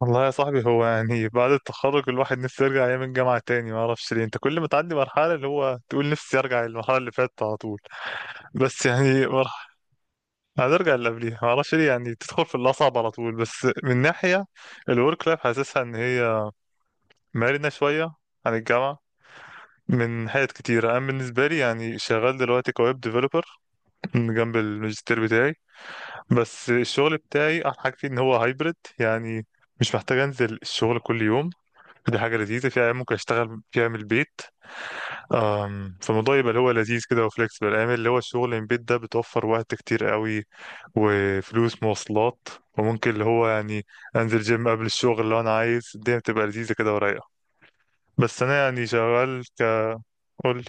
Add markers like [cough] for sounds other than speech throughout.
والله يا صاحبي، هو يعني بعد التخرج الواحد نفسه يرجع ايام الجامعه تاني. ما اعرفش ليه، انت كل ما تعدي مرحله اللي هو تقول نفسي ارجع للمرحله اللي فاتت على طول. بس يعني مرحله، هنرجع اللي قبليها. ما اعرفش ليه، يعني تدخل في الاصعب على طول. بس من ناحيه الورك لايف حاسسها ان هي مرنه شويه عن الجامعه. من حاجات كتيرة، أنا بالنسبة لي يعني شغال دلوقتي كويب ديفلوبر جنب الماجستير بتاعي. بس الشغل بتاعي أحلى حاجة فيه إن هو هايبرد، يعني مش محتاج أنزل الشغل كل يوم. دي حاجة لذيذة، في أيام ممكن أشتغل فيها من البيت. فالموضوع يبقى اللي هو لذيذ كده وفليكسبل. أيام اللي هو الشغل من البيت ده بتوفر وقت كتير قوي وفلوس مواصلات، وممكن اللي هو يعني أنزل جيم قبل الشغل لو أنا عايز. الدنيا بتبقى لذيذة كده ورايقة. بس أنا يعني شغال. قول.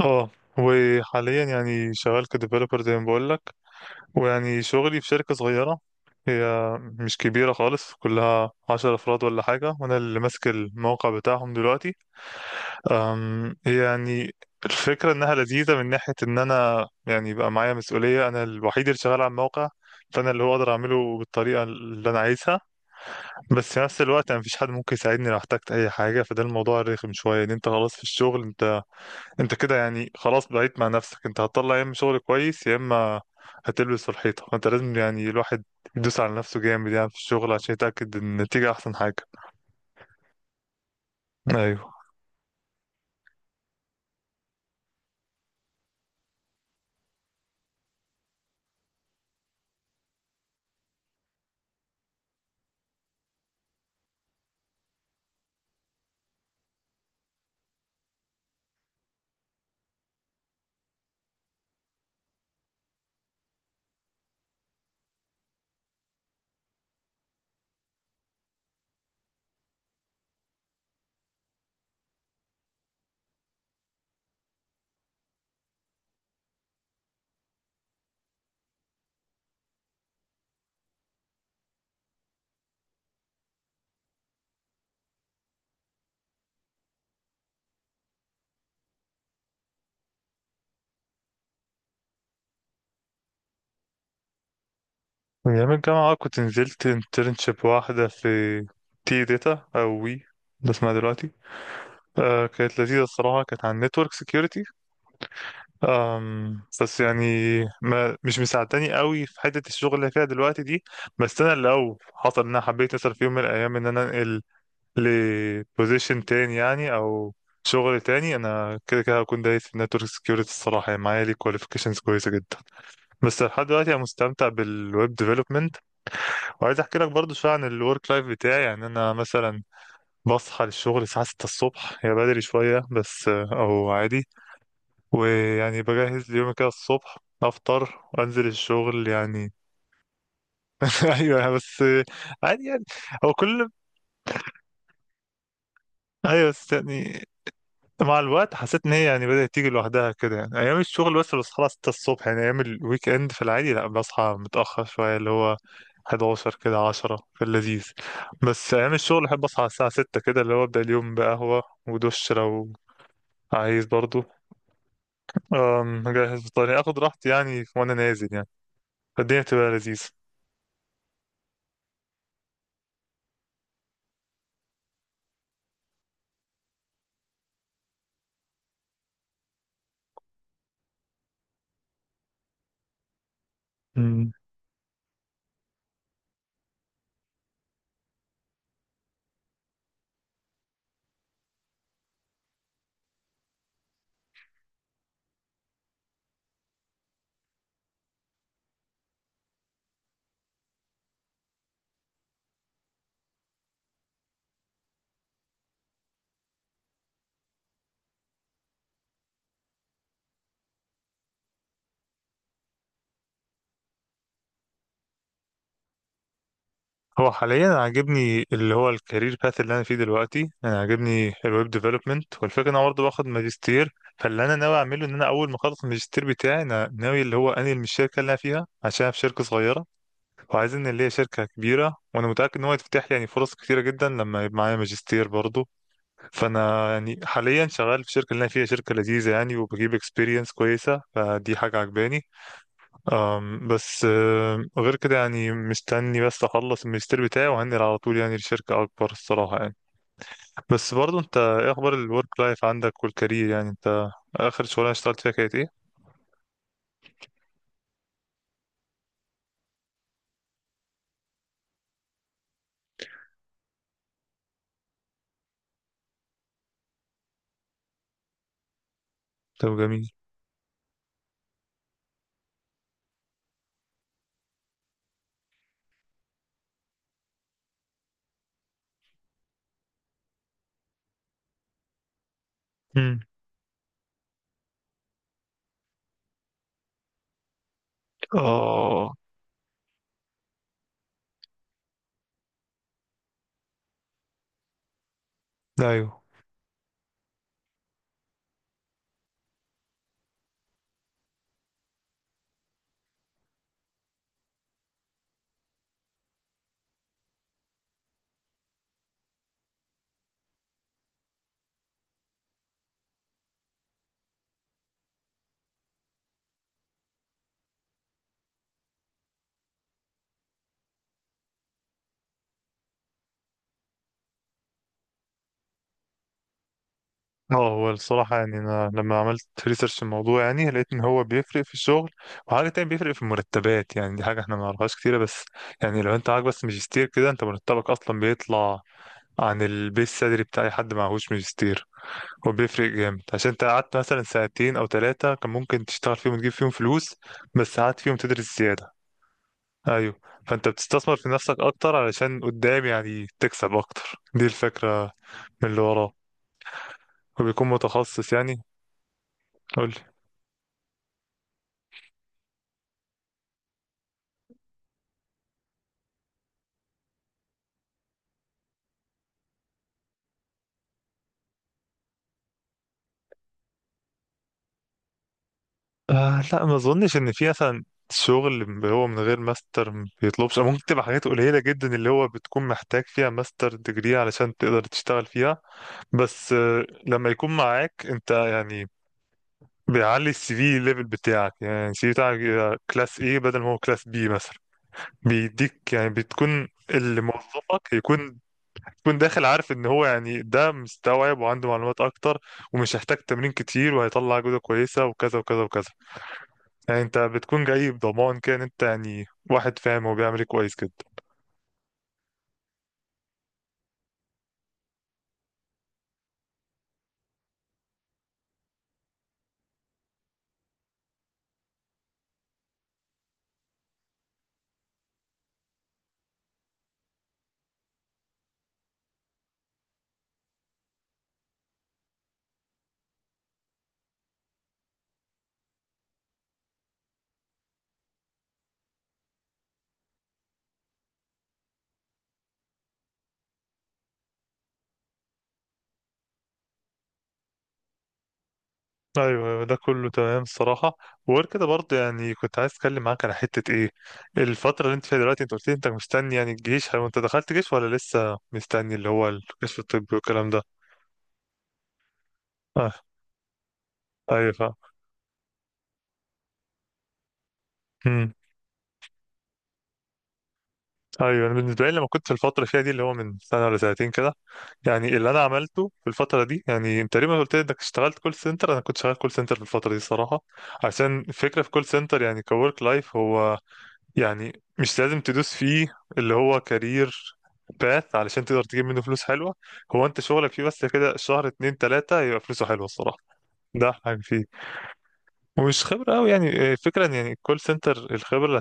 اه، وحاليا يعني شغال كديفلوبر زي ما بقول لك. ويعني شغلي في شركة صغيرة، هي مش كبيرة خالص، كلها عشر أفراد ولا حاجة، وأنا اللي ماسك الموقع بتاعهم دلوقتي. يعني الفكرة إنها لذيذة من ناحية إن أنا يعني بقى معايا مسؤولية، أنا الوحيد اللي شغال على الموقع. فأنا اللي هو أقدر أعمله بالطريقة اللي أنا عايزها. بس في نفس الوقت أنا مفيش حد ممكن يساعدني لو احتجت أي حاجة، فده الموضوع الرخم شوية، إن أنت خلاص في الشغل. أنت كده يعني خلاص بقيت مع نفسك، أنت هتطلع يا إما شغل كويس يا إما هتلبس في الحيطة. فأنت لازم يعني الواحد يدوس على نفسه جامد يعني في الشغل عشان يتأكد إن النتيجة أحسن حاجة. أيوه، من أيام الجامعة آه، كنت نزلت انترنشيب واحدة في تي داتا أو وي، ده اسمها دلوقتي. آه كانت لذيذة الصراحة، كانت عن نتورك سيكيورتي. بس يعني ما مش مساعداني قوي في حتة الشغل اللي فيها دلوقتي دي. بس أنا لو حصل إن أنا حبيت أسأل في يوم من الأيام إن أنا أنقل لبوزيشن تاني يعني أو شغل تاني، أنا كده كده هكون دايس في نتورك سيكيورتي الصراحة، يعني معايا ليه كواليفيكيشنز كويسة جدا. بس لحد دلوقتي أنا مستمتع بالويب development. وعايز احكي لك برضو شويه عن الورك لايف بتاعي. يعني انا مثلا بصحى للشغل الساعه 6 الصبح، هي بدري شويه بس او عادي. ويعني بجهز ليومي كده الصبح، افطر وانزل الشغل يعني. [laughs] ايوه بس عادي يعني. هو كل ايوه بس يعني مع الوقت حسيت ان هي يعني بدأت تيجي لوحدها كده. يعني ايام الشغل بس بصحى الساعة 6 الصبح، يعني ايام الويك اند في العادي لا بصحى متأخر شوية، اللي هو 11 كده، 10، في اللذيذ. بس ايام الشغل احب اصحى على الساعة 6 كده، اللي هو ابدأ اليوم بقهوة ودش لو عايز برضو. اجهز فطاري اخد راحتي يعني وانا نازل يعني. فالدنيا بتبقى لذيذة. هو حاليا عاجبني اللي هو الكارير باث اللي انا فيه دلوقتي، انا عاجبني الويب ديفلوبمنت. والفكره ان انا برضه باخد ماجستير، فاللي انا ناوي اعمله ان انا اول ما اخلص الماجستير بتاعي انا ناوي اللي هو انقل من الشركه اللي انا فيها، عشان أنا في شركه صغيره وعايزين اللي هي شركه كبيره. وانا متاكد ان هو يتفتح لي يعني فرص كتيره جدا لما يبقى معايا ماجستير برضه. فانا يعني حاليا شغال في الشركه اللي انا فيها، شركه لذيذه يعني وبجيب اكسبيرينس كويسه، فدي حاجه عجباني. بس غير كده يعني مستني بس اخلص الماجستير بتاعي، وهنقل على طول يعني لشركة اكبر الصراحة يعني. بس برضه انت ايه اخبار الورك لايف عندك والكارير؟ يعني انت اخر شغلانة اشتغلت فيها كانت ايه؟ طب جميل. امم اه. ايوه. اه هو الصراحة يعني أنا لما عملت ريسيرش الموضوع يعني لقيت إن هو بيفرق في الشغل، وحاجة تانية بيفرق في المرتبات. يعني دي حاجة إحنا ما نعرفهاش كتيرة، بس يعني لو أنت معاك بس ماجستير كده، أنت مرتبك أصلا بيطلع عن البيس سالري بتاع أي حد معهوش ماجستير. هو بيفرق جامد، عشان انت قعدت مثلا سنتين او ثلاثة كان ممكن تشتغل فيهم وتجيب فيهم فلوس، بس قعدت فيهم تدرس زيادة. ايوه. فانت بتستثمر في نفسك اكتر علشان قدام يعني تكسب اكتر، دي الفكرة. من اللي وراه، وبيكون متخصص يعني. قولي. آه لا، ما اظنش ان في مثلا شغل اللي هو من غير ماستر ما بيطلبش، أو ممكن تبقى حاجات قليلة جدا اللي هو بتكون محتاج فيها ماستر ديجري علشان تقدر تشتغل فيها. بس لما يكون معاك انت يعني بيعلي السي في ليفل بتاعك، يعني السي في بتاعك يبقى كلاس ايه بدل ما هو كلاس بي مثلا. بيديك يعني بتكون اللي موظفك يكون داخل عارف ان هو يعني ده مستوعب وعنده معلومات اكتر، ومش هيحتاج تمرين كتير، وهيطلع جودة كويسة، وكذا وكذا وكذا. يعني انت بتكون جاي بضمان كده ان انت يعني واحد فاهم هو بيعمل ايه كويس كده. ايوه أيوة، ده كله تمام الصراحه. وغير كده برضه يعني كنت عايز اتكلم معاك على حته ايه، الفتره اللي انت فيها دلوقتي، انت قلت لي انت مستني يعني الجيش. هو انت دخلت جيش ولا لسه مستني اللي هو الكشف الطبي والكلام ده؟ آه. ايوه فاهم. امم ايوه، انا بالنسبه لي لما كنت في الفتره اللي فيها دي، اللي هو من سنه ولا سنتين كده، يعني اللي انا عملته في الفتره دي، يعني انت تقريبا قلت لي انك اشتغلت كول سنتر، انا كنت شغال كول سنتر في الفتره دي الصراحه. عشان الفكره في كول سنتر يعني كورك لايف هو يعني مش لازم تدوس فيه اللي هو كارير باث علشان تقدر تجيب منه فلوس حلوة. هو انت شغلك فيه بس كده شهر اتنين تلاتة يبقى فلوسه حلوة الصراحة، ده أحلى حاجة فيه. ومش خبرة أوي يعني فكرة إن يعني كول سنتر الخبرة اللي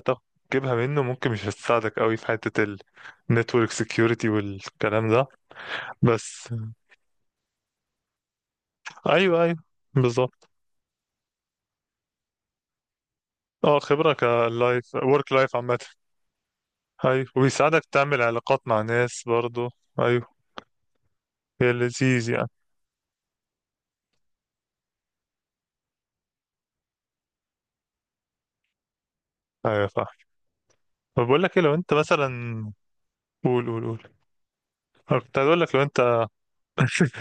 هتجيبها منه ممكن مش هتساعدك أوي في حتة النتورك سكيورتي والكلام ده. بس أيوه أيوه. بالظبط. اه خبرة كلايف ورك لايف عامة. أيوه، وبيساعدك تعمل علاقات مع ناس برضه. أيوه، هي لذيذ يعني. أيوه فاهم. طب بقول لك ايه، لو انت مثلا. قول قول قول. انا كنت عايز اقول لك لو انت. [laughs]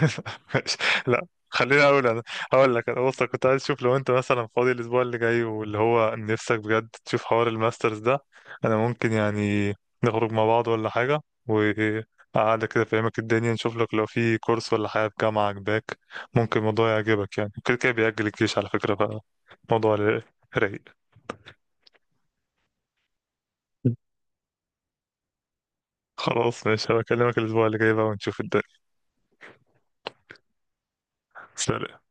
ماشي. لا، خليني اقول انا. هقول لك. انا بص، كنت عايز اشوف لو انت مثلا فاضي الاسبوع اللي جاي واللي هو نفسك بجد تشوف حوار الماسترز ده، انا ممكن يعني نخرج مع بعض ولا حاجه، وقعدة كده فاهمك الدنيا، نشوف لك لو في كورس ولا حاجه في جامعه عجباك. ممكن الموضوع يعجبك، يعني كده كده بيأجل الجيش على فكره، فالموضوع رايق. خلاص ماشي، هبكلمك الاسبوع اللي جاي بقى ونشوف الدنيا. سلام.